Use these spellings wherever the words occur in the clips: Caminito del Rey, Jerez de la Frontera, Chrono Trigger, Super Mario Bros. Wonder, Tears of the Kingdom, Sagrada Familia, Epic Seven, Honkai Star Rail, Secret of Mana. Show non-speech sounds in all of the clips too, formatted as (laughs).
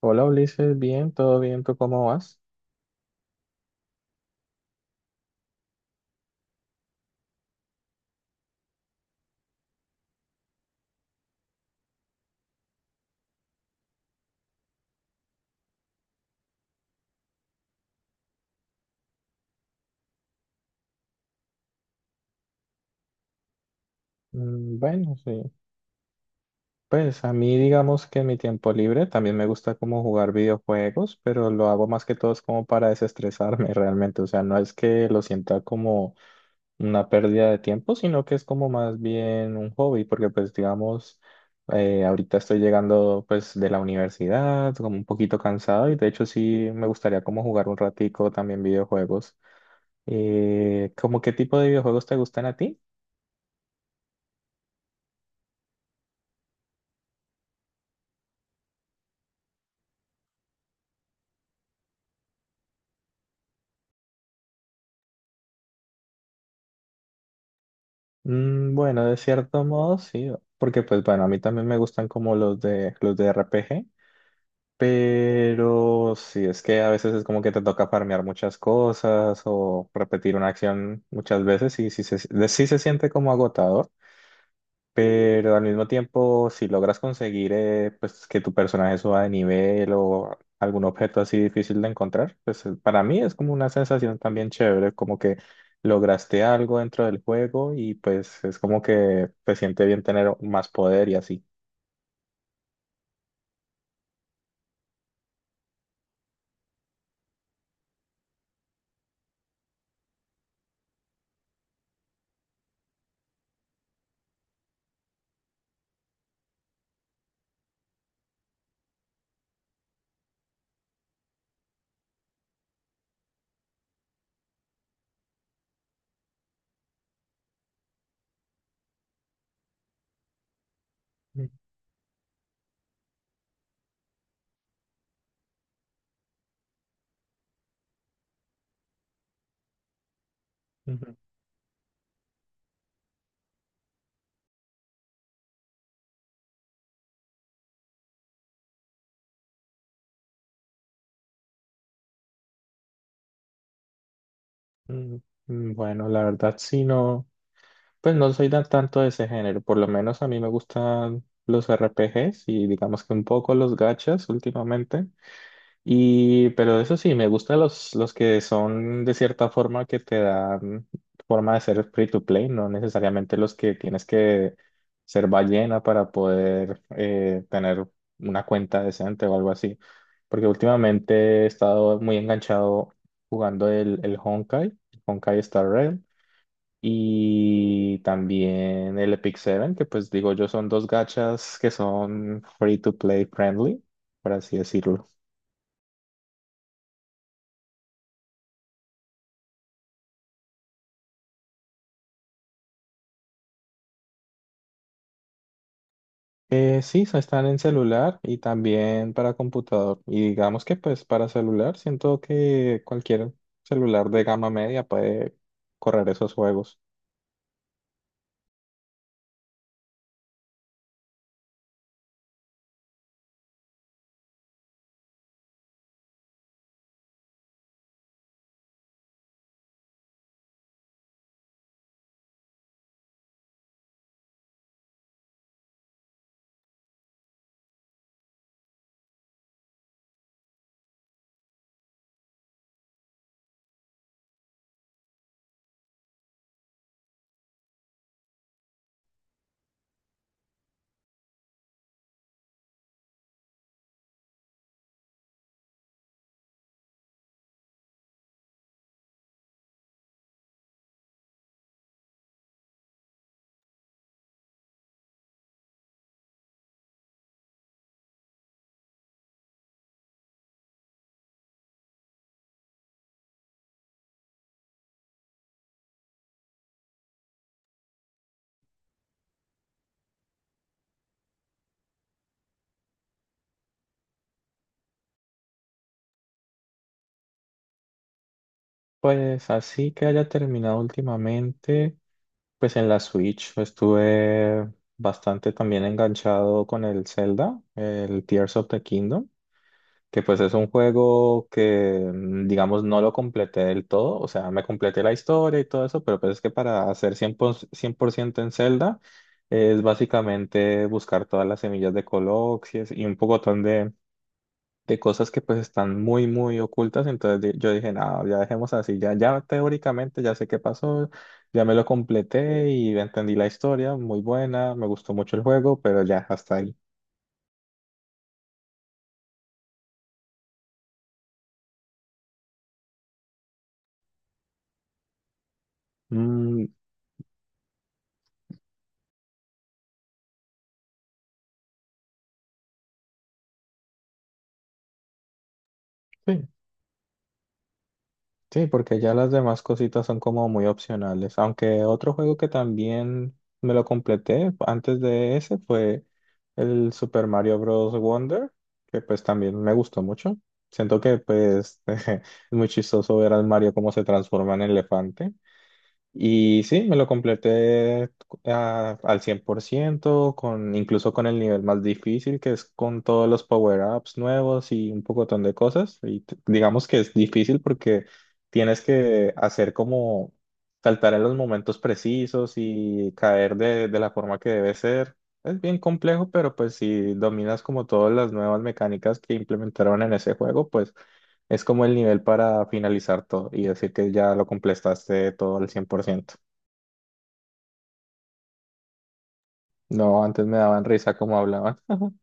Hola Ulises, bien, todo bien, ¿tú cómo vas? Mm, bueno, sí. Pues a mí digamos que en mi tiempo libre también me gusta como jugar videojuegos, pero lo hago más que todo es como para desestresarme (laughs) realmente, o sea, no es que lo sienta como una pérdida de tiempo, sino que es como más bien un hobby, porque pues digamos, ahorita estoy llegando pues de la universidad, como un poquito cansado y de hecho sí me gustaría como jugar un ratico también videojuegos. ¿Cómo qué tipo de videojuegos te gustan a ti? Mm, bueno, de cierto modo sí, porque pues bueno, a mí también me gustan como los de RPG, pero sí, es que a veces es como que te toca farmear muchas cosas o repetir una acción muchas veces y sí se siente como agotador, pero al mismo tiempo, si logras conseguir pues que tu personaje suba de nivel o algún objeto así difícil de encontrar, pues para mí es como una sensación también chévere, como que lograste algo dentro del juego y pues es como que te siente bien tener más poder y así. Mm, ujú, mm, mm, bueno, la verdad sí no, pues no soy tanto de ese género, por lo menos a mí me gustan los RPGs y digamos que un poco los gachas últimamente. Y, pero eso sí, me gustan los que son de cierta forma que te dan forma de ser free to play, no necesariamente los que tienes que ser ballena para poder tener una cuenta decente o algo así. Porque últimamente he estado muy enganchado jugando el Honkai, Honkai Star Rail, y también el Epic Seven, que pues digo yo son dos gachas que son free to play friendly, por así decirlo. Sí, están en celular y también para computador. Y digamos que pues para celular siento que cualquier celular de gama media puede correr esos juegos. Pues así que haya terminado últimamente, pues en la Switch estuve bastante también enganchado con el Zelda, el Tears of the Kingdom. Que pues es un juego que, mm, digamos, no lo completé del todo, o sea, me completé la historia y todo eso, pero pues es que para hacer cien por ciento, cien por ciento en Zelda es básicamente buscar todas las semillas de Coloxies y un pocotón de cosas que pues están muy ocultas, entonces yo dije, no, ya dejemos así, ya, ya teóricamente ya sé qué pasó, ya me lo completé y entendí la historia, muy buena, me gustó mucho el juego, pero ya hasta ahí. Mm, sí. Sí, porque ya las demás cositas son como muy opcionales. Aunque otro juego que también me lo completé antes de ese fue el Super Mario Bros. Wonder, que pues también me gustó mucho. Siento que pues (laughs) es muy chistoso ver al Mario cómo se transforma en elefante. Y sí, me lo completé al 100%, con, incluso con el nivel más difícil, que es con todos los power-ups nuevos y un pocotón de cosas. Y digamos que es difícil porque tienes que hacer como saltar en los momentos precisos y caer de la forma que debe ser. Es bien complejo, pero pues si dominas como todas las nuevas mecánicas que implementaron en ese juego, pues es como el nivel para finalizar todo y decir que ya lo completaste todo al 100%. No, antes me daban risa como hablaban. (laughs)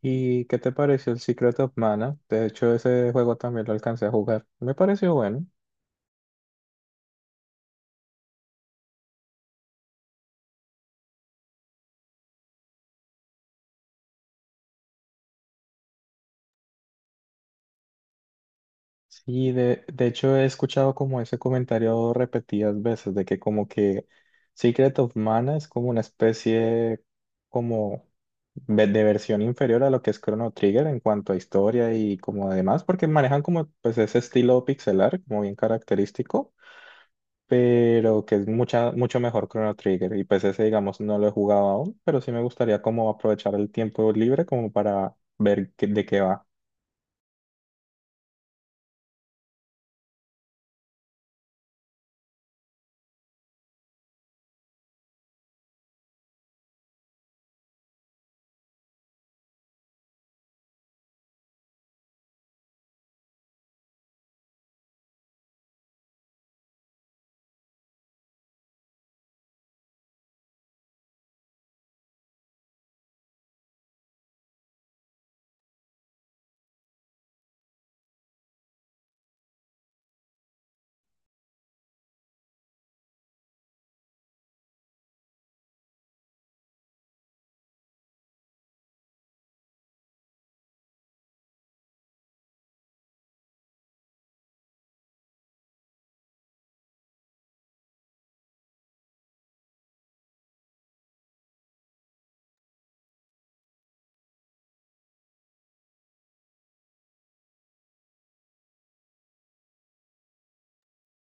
¿Y qué te pareció el Secret of Mana? De hecho, ese juego también lo alcancé a jugar. Me pareció bueno. Sí, de hecho he escuchado como ese comentario repetidas veces de que como que Secret of Mana es como una especie como de versión inferior a lo que es Chrono Trigger en cuanto a historia y como demás, porque manejan como pues ese estilo pixelar como bien característico, pero que es mucho mejor Chrono Trigger y pues ese digamos no lo he jugado aún, pero sí me gustaría como aprovechar el tiempo libre como para ver de qué va.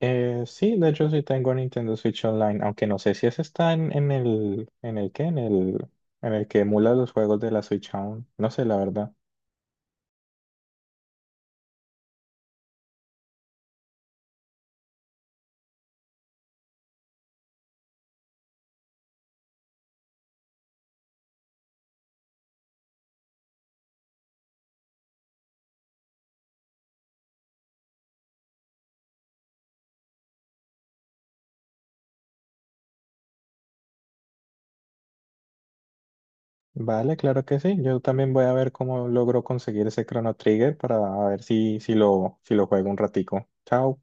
Sí, de hecho sí tengo Nintendo Switch Online, aunque no sé si ese está en el que emula los juegos de la Switch aún. No sé, la verdad. Vale, claro que sí. Yo también voy a ver cómo logro conseguir ese Chrono Trigger para ver si lo juego un ratico. Chao.